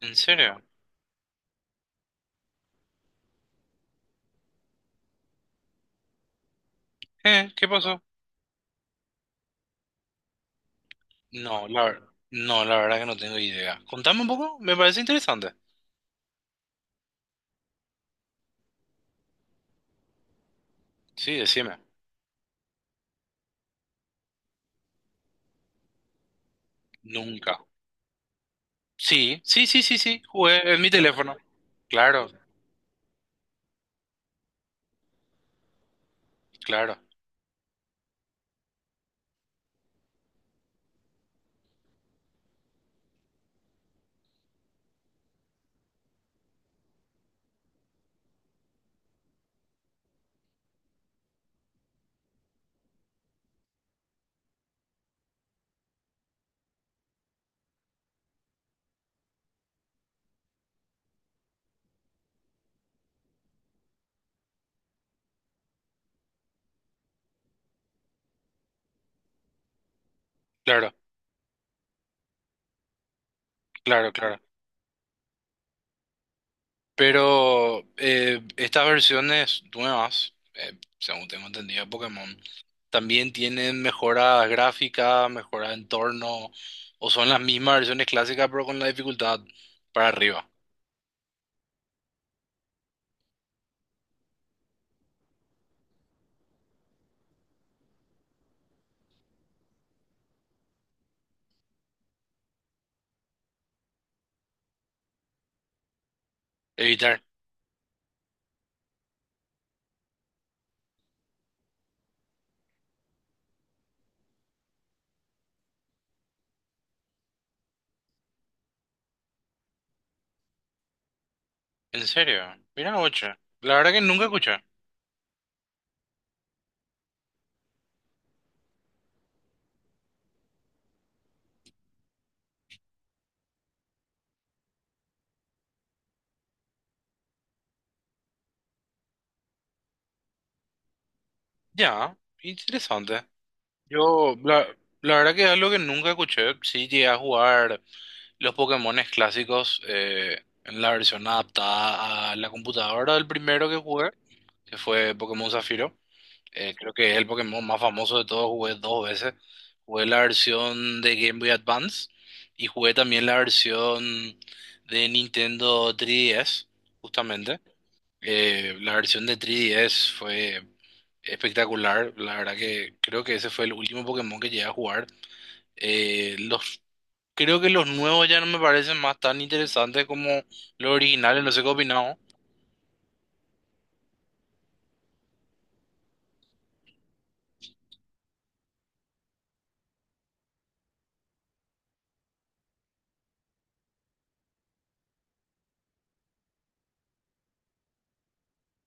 ¿En serio? ¿Eh? ¿Qué pasó? No, la verdad, no, la verdad que no tengo idea. Contame un poco, me parece interesante. Sí, decime. Nunca. Sí, sí, sí, sí, sí, jugué en mi teléfono. Claro, claro, claro, claro, claro. Pero estas versiones nuevas, según tengo entendido, de Pokémon, también tienen mejoras gráficas, mejoras de entorno, o son las mismas versiones clásicas, pero con la dificultad para arriba. Evitar. ¿En serio? Mira, ocho. La verdad que nunca escuché. Ya, interesante. Yo, la, la verdad que es algo que nunca escuché. Sí llegué a jugar los Pokémones clásicos en la versión adaptada a la computadora del primero que jugué, que fue Pokémon Zafiro. Creo que es el Pokémon más famoso de todos. Jugué dos veces. Jugué la versión de Game Boy Advance y jugué también la versión de Nintendo 3DS, justamente. La versión de 3DS fue espectacular. La verdad que creo que ese fue el último Pokémon que llegué a jugar. Los, creo que los nuevos ya no me parecen más tan interesantes como los originales. No sé qué opinamos.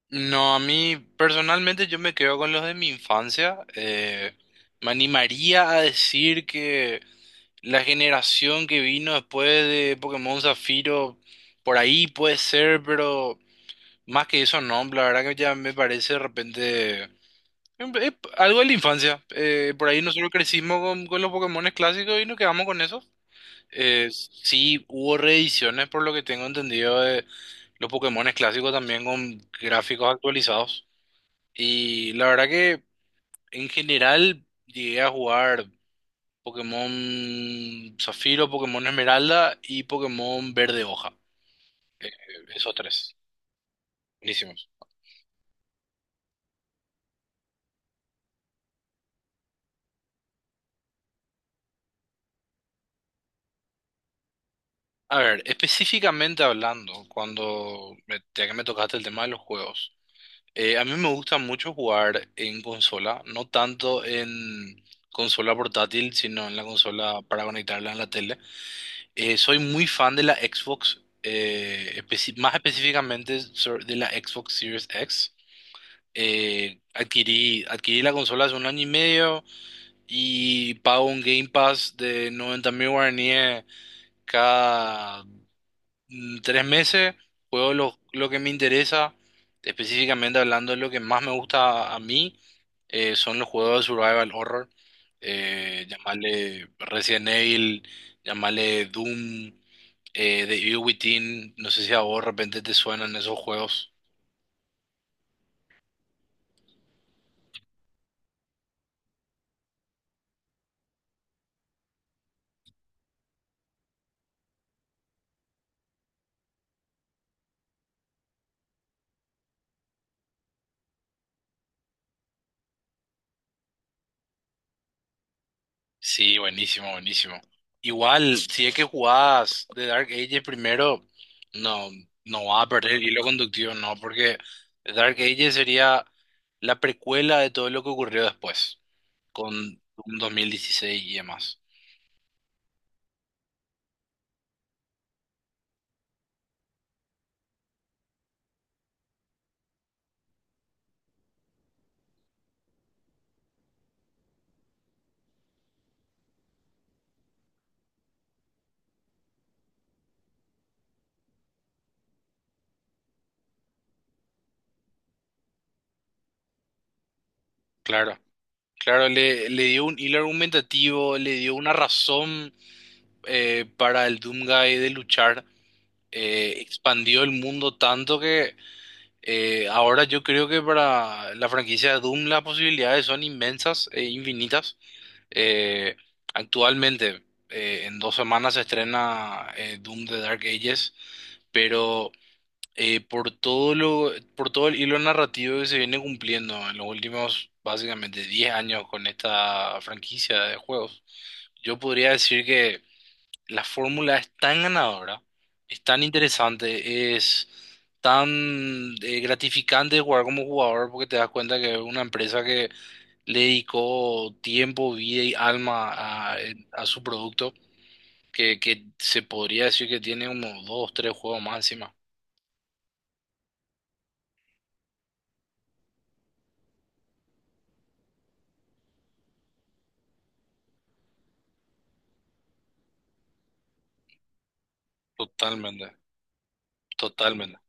No, a mí personalmente yo me quedo con los de mi infancia. Me animaría a decir que la generación que vino después de Pokémon Zafiro, por ahí puede ser, pero... Más que eso, no, la verdad que ya me parece de repente algo de la infancia. Por ahí nosotros crecimos con los Pokémones clásicos y nos quedamos con eso. Sí, hubo reediciones, por lo que tengo entendido, de los Pokémones clásicos también con gráficos actualizados. Y la verdad que en general llegué a jugar Pokémon Zafiro, Pokémon Esmeralda y Pokémon Verde Hoja. Esos tres. Buenísimos. A ver, específicamente hablando, cuando me, ya que me tocaste el tema de los juegos, a mí me gusta mucho jugar en consola, no tanto en consola portátil, sino en la consola para conectarla en la tele. Soy muy fan de la Xbox, más específicamente de la Xbox Series X. Adquirí la consola hace un año y medio y pago un Game Pass de 90.000 guaraníes cada tres meses, juego lo que me interesa, específicamente hablando, lo que más me gusta a mí son los juegos de survival horror, llamarle Resident Evil, llamarle Doom, The Evil Within, no sé si a vos de repente te suenan esos juegos. Sí, buenísimo, buenísimo. Igual, si es que jugás The Dark Ages primero, no, no vas a perder el hilo conductivo, no, porque The Dark Ages sería la precuela de todo lo que ocurrió después, con un 2016 y demás. Claro, claro, le dio un hilo argumentativo, le dio una razón para el Doomguy de luchar, expandió el mundo tanto que. Ahora yo creo que para la franquicia de Doom las posibilidades son inmensas e infinitas. Eh, actualmente, en 2 semanas se estrena Doom The Dark Ages, pero por todo el hilo narrativo que se viene cumpliendo en los últimos básicamente 10 años con esta franquicia de juegos, yo podría decir que la fórmula es tan ganadora, es tan interesante, es tan gratificante jugar como jugador porque te das cuenta que es una empresa que le dedicó tiempo, vida y alma a su producto, que se podría decir que tiene unos dos, tres juegos más encima. Totalmente, totalmente.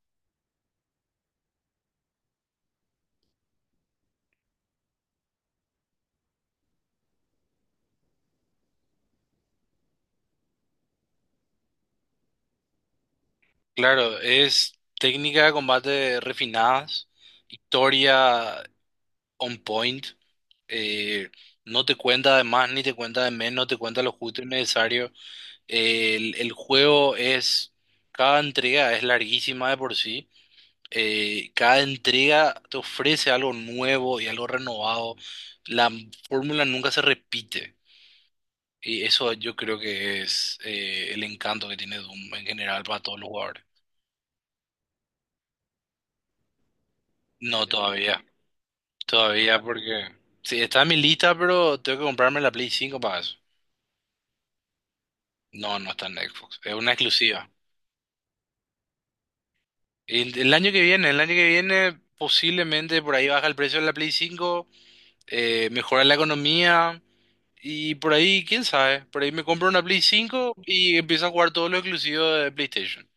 Claro, es técnica de combate refinadas, historia on point. eh, no te cuenta de más ni te cuenta de menos, no te cuenta lo justo y necesario. El juego es, cada entrega es larguísima de por sí. Cada entrega te ofrece algo nuevo y algo renovado. La fórmula nunca se repite. Y eso yo creo que es el encanto que tiene Doom en general para todos los jugadores. No, Sí. Todavía. Todavía porque... Sí, está en mi lista, pero tengo que comprarme la Play 5 para eso. No, no está en Xbox. Es una exclusiva. El año que viene, el año que viene posiblemente por ahí baja el precio de la Play 5, mejora la economía y por ahí, quién sabe, por ahí me compro una Play 5 y empiezo a jugar todos los exclusivos de PlayStation.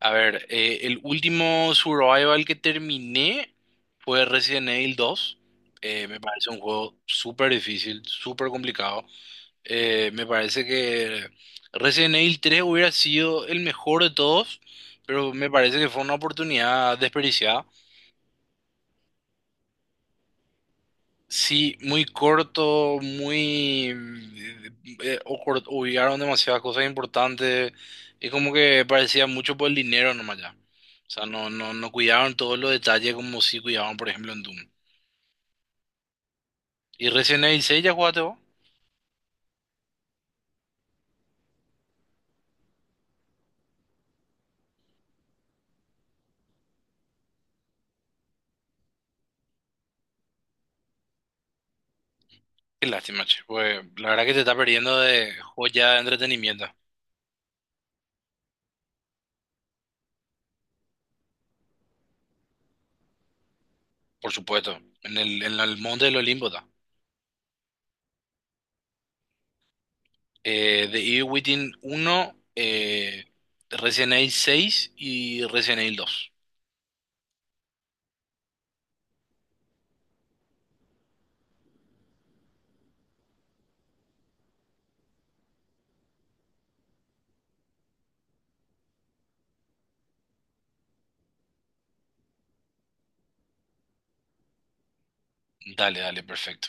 A ver, el último survival que terminé fue Resident Evil 2. Me parece un juego súper difícil, súper complicado. Me parece que Resident Evil 3 hubiera sido el mejor de todos, pero me parece que fue una oportunidad desperdiciada. Sí, muy corto, muy... obviaron demasiadas cosas importantes y como que parecía mucho por el dinero nomás ya. O sea, no, no, no cuidaron todos los detalles como sí cuidaban, por ejemplo, en Doom. Y Resident Evil 6 ya jugaste vos. Qué lástima, che. Pues la verdad que te está perdiendo de joya de entretenimiento. Por supuesto, en el Monte del Olimpo está. The Evil Within 1, Resident Evil 6 y Resident Evil 2. Dale, dale, perfecto.